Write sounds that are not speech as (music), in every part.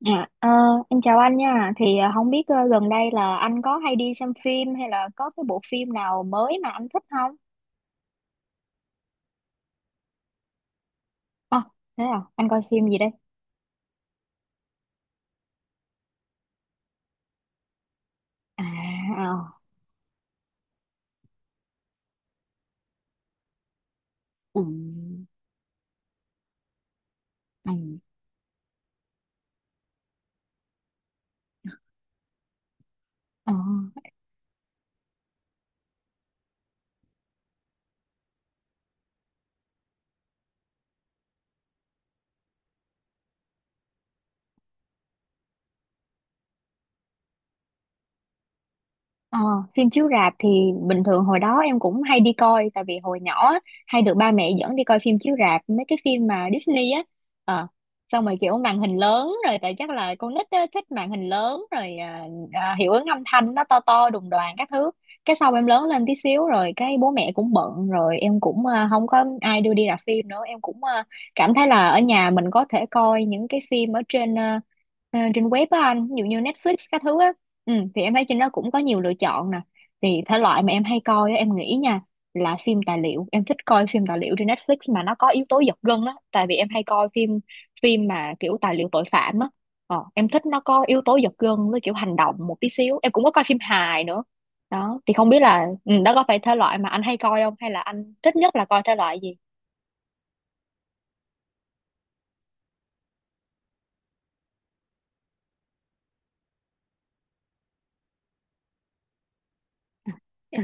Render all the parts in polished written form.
Dạ, ờ, em chào anh nha. Thì không biết gần đây là anh có hay đi xem phim hay là có cái bộ phim nào mới mà anh thích không? Ờ, Thế à, anh coi phim gì đây? À, ờ, ừ, ừ, ờ. Ờ, Phim chiếu rạp thì bình thường hồi đó em cũng hay đi coi, tại vì hồi nhỏ á, hay được ba mẹ dẫn đi coi phim chiếu rạp mấy cái phim mà Disney á, ờ xong rồi kiểu màn hình lớn rồi, tại chắc là con nít á, thích màn hình lớn rồi, hiệu ứng âm thanh nó to to đùng đoàn các thứ. Cái sau em lớn lên tí xíu rồi cái bố mẹ cũng bận rồi em cũng không có ai đưa đi rạp phim nữa, em cũng cảm thấy là ở nhà mình có thể coi những cái phim ở trên, trên web á anh, ví dụ như Netflix các thứ á. Thì em thấy trên đó cũng có nhiều lựa chọn nè, thì thể loại mà em hay coi á, em nghĩ nha, là phim tài liệu. Em thích coi phim tài liệu trên Netflix mà nó có yếu tố giật gân á, tại vì em hay coi phim phim mà kiểu tài liệu tội phạm á. Em thích nó có yếu tố giật gân với kiểu hành động một tí xíu. Em cũng có coi phim hài nữa. Đó thì không biết là đó có phải thể loại mà anh hay coi không, hay là anh thích nhất là coi thể loại gì? À,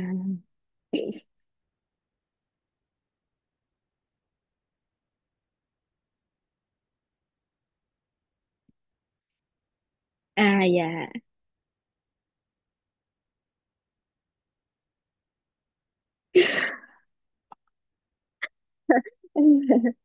à dạ. (laughs)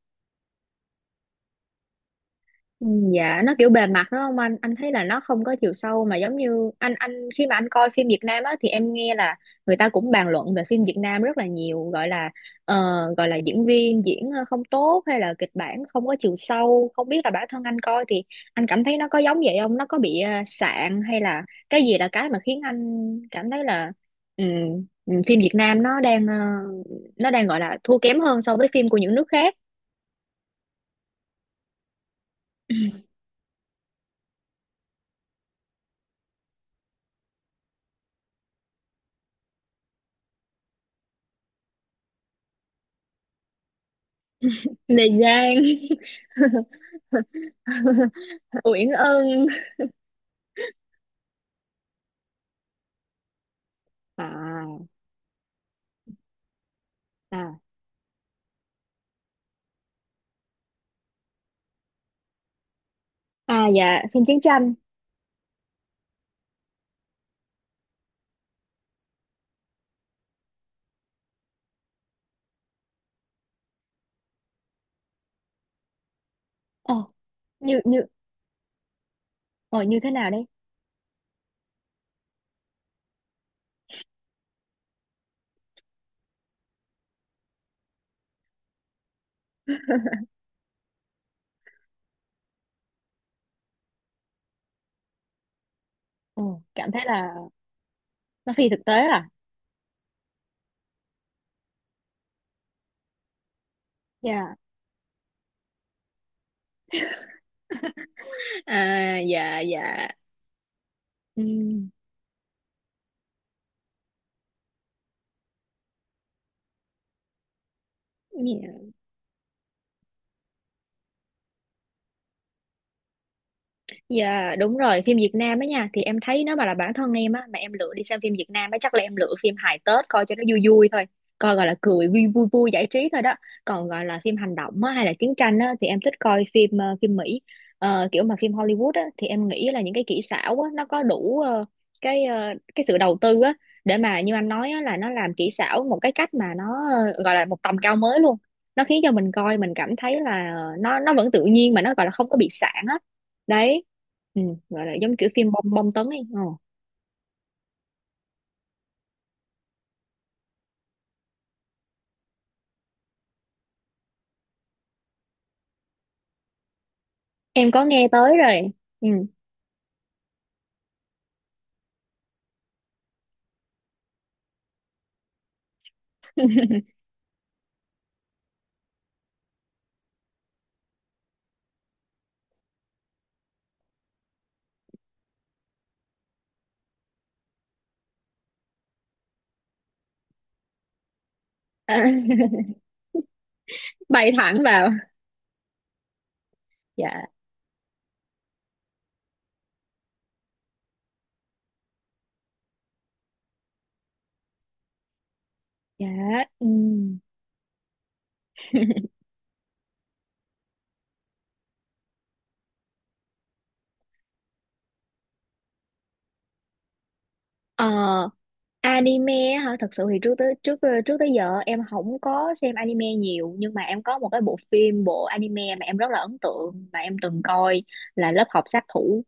Ừ, dạ, nó kiểu bề mặt đúng không anh? Anh thấy là nó không có chiều sâu, mà giống như anh khi mà anh coi phim Việt Nam á, thì em nghe là người ta cũng bàn luận về phim Việt Nam rất là nhiều, gọi là ờ, gọi là diễn viên diễn không tốt, hay là kịch bản không có chiều sâu. Không biết là bản thân anh coi thì anh cảm thấy nó có giống vậy không? Nó có bị sạn, hay là cái gì là cái mà khiến anh cảm thấy là ừ, phim Việt Nam nó đang nó đang gọi là thua kém hơn so với phim của những nước khác. Lê Giang. (laughs) Uyển Ân. À, à, à dạ, phim chiến tranh. ờ như như ờ như thế nào đấy. ờ Cảm thấy là nó phi thực tế à. Dạ. (laughs) À dạ, dạ, ừ. Dạ đúng rồi, phim Việt Nam á nha, thì em thấy nếu mà là bản thân em á, mà em lựa đi xem phim Việt Nam á, chắc là em lựa phim hài Tết coi cho nó vui vui thôi. Coi gọi là cười vui vui vui giải trí thôi đó. Còn gọi là phim hành động á, hay là chiến tranh á, thì em thích coi phim Mỹ. Kiểu mà phim Hollywood á, thì em nghĩ là những cái kỹ xảo á nó có đủ cái sự đầu tư á, để mà như anh nói á, là nó làm kỹ xảo một cái cách mà nó gọi là một tầm cao mới luôn. Nó khiến cho mình coi mình cảm thấy là nó vẫn tự nhiên, mà nó gọi là không có bị sạn á. Đấy. ừ, Gọi là giống kiểu phim bom bom tấn ấy. Ờ. em có nghe tới rồi. Ừ. À. (laughs) Bay thẳng vào. Dạ, dạ, ừ. ờ, Anime á hả? Thật sự thì trước tới giờ em không có xem anime nhiều, nhưng mà em có một cái bộ anime mà em rất là ấn tượng mà em từng coi, là lớp học sát thủ.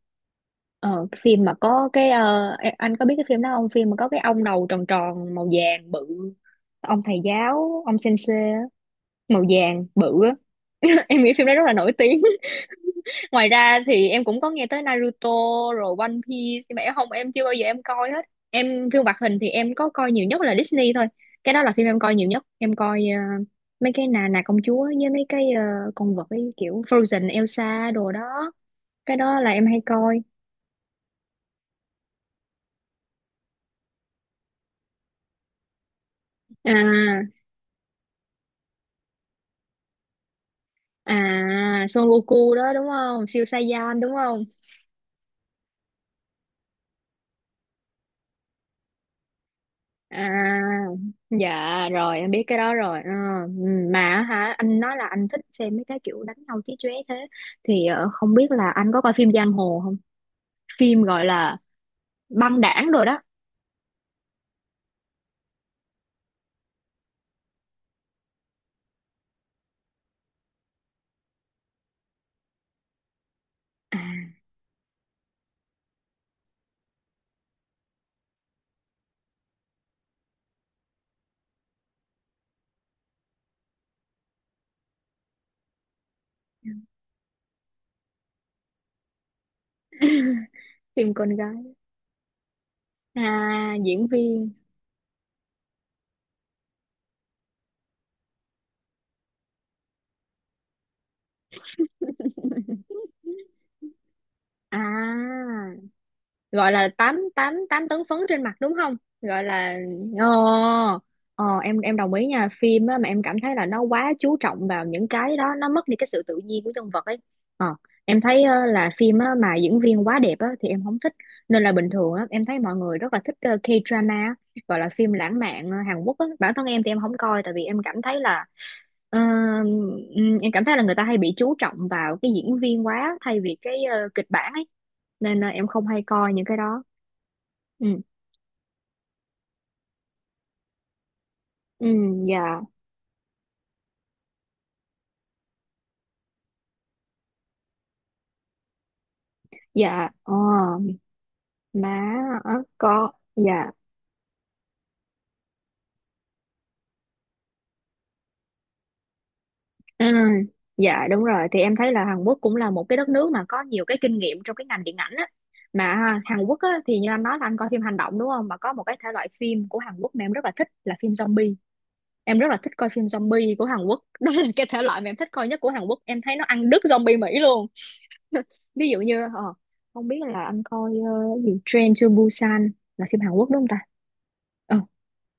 Cái phim mà có cái anh có biết cái phim đó không, phim mà có cái ông đầu tròn tròn màu vàng bự, ông thầy giáo ông sensei màu vàng bự á. (laughs) Em nghĩ phim đấy rất là nổi tiếng. (laughs) Ngoài ra thì em cũng có nghe tới Naruto rồi One Piece, nhưng mà em không em chưa bao giờ em coi hết. Em, phim hoạt hình thì em có coi nhiều nhất là Disney thôi. Cái đó là phim em coi nhiều nhất, em coi mấy cái nà nà công chúa với mấy cái con vật ấy, kiểu Frozen, Elsa đồ đó. Cái đó là em hay coi. À, à Son Goku đó đúng không? Siêu Saiyan đúng không? À, dạ rồi em biết cái đó rồi. Ờ, mà á hả, anh nói là anh thích xem mấy cái kiểu đánh nhau chí chóe thế, thì không biết là anh có coi phim giang hồ không? Phim gọi là băng đảng rồi đó. À, phim con gái. À, diễn viên. À, gọi là tám tám tám tấn phấn trên mặt đúng không, gọi là... ờ, ờ em đồng ý nha, phim á mà em cảm thấy là nó quá chú trọng vào những cái đó, nó mất đi cái sự tự nhiên của nhân vật ấy. ờ em thấy là phim á, mà diễn viên quá đẹp á, thì em không thích. Nên là bình thường á, em thấy mọi người rất là thích K-drama á, gọi là phim lãng mạn Hàn Quốc á. Bản thân em thì em không coi, tại vì em cảm thấy là Ờ, em cảm thấy là người ta hay bị chú trọng vào cái diễn viên quá, thay vì cái kịch bản ấy. Nên là em không hay coi những cái đó. Ừ. Ừ, dạ, dạ, ờ, má, có, dạ. Ừ, dạ đúng rồi, thì em thấy là Hàn Quốc cũng là một cái đất nước mà có nhiều cái kinh nghiệm trong cái ngành điện ảnh á, mà ha, Hàn Quốc á, thì như anh nói là anh coi phim hành động đúng không, mà có một cái thể loại phim của Hàn Quốc mà em rất là thích là phim zombie. Em rất là thích coi phim zombie của Hàn Quốc. (laughs) Đó là cái thể loại mà em thích coi nhất của Hàn Quốc, em thấy nó ăn đứt zombie Mỹ luôn. (laughs) Ví dụ như không biết là anh coi cái gì, Train to Busan là phim Hàn Quốc đúng không ta? Ờ,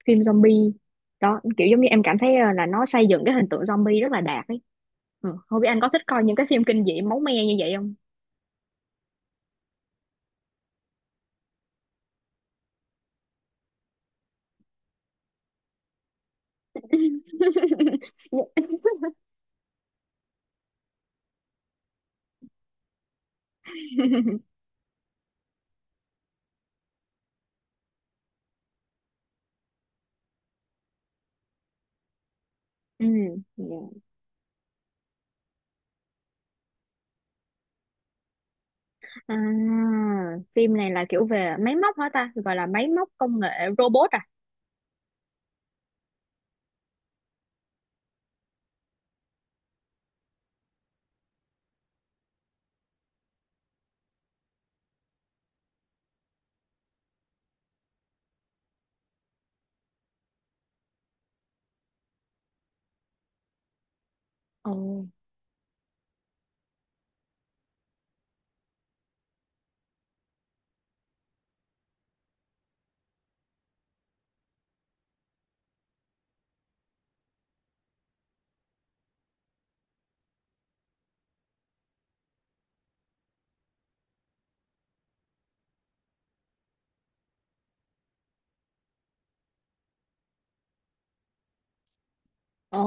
Phim zombie đó kiểu giống như em cảm thấy là nó xây dựng cái hình tượng zombie rất là đạt ấy. Ừ. Không biết anh có thích coi những cái phim kinh dị máu me như vậy không? (laughs) Ừ. Dạ. À, phim này là kiểu về máy móc hả ta, gọi là máy móc công nghệ, robot à? Ồ. Ồ.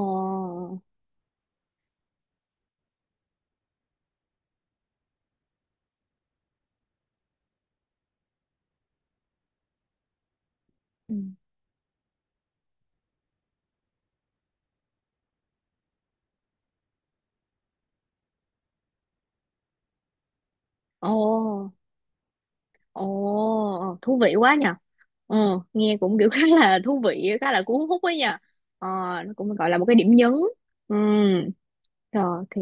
Ừ. Ồ, ồ, thú vị quá nhờ. Ừ. Nghe cũng kiểu (laughs) khá là thú vị, khá là cuốn hút ấy nhờ. ờ, nó cũng gọi là một cái điểm nhấn. Ừ. Rồi thì.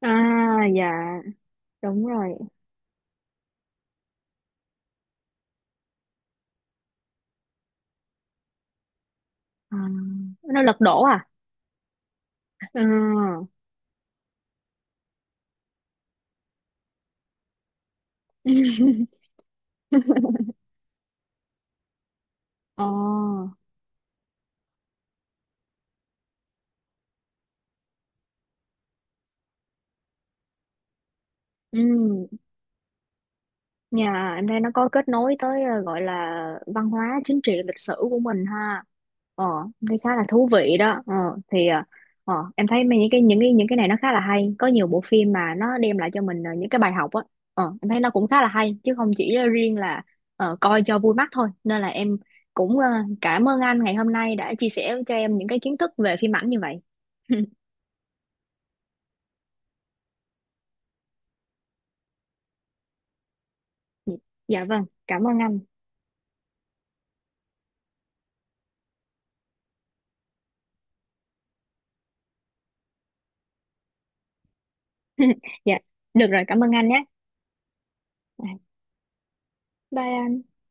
À dạ đúng rồi. À, nó lật đổ à? À. (laughs) Ồ, ừ. Nhà em đây, nó có kết nối tới gọi là văn hóa chính trị lịch sử của mình ha. ờ Thấy khá là thú vị đó. Ờ thì ờ em thấy những cái này nó khá là hay, có nhiều bộ phim mà nó đem lại cho mình những cái bài học á. Em thấy nó cũng khá là hay, chứ không chỉ riêng là coi cho vui mắt thôi. Nên là em cũng cảm ơn anh ngày hôm nay đã chia sẻ cho em những cái kiến thức về phim ảnh như vậy. (laughs) Dạ vâng, cảm ơn anh. (laughs) Dạ được rồi, cảm ơn anh nhé. Bye.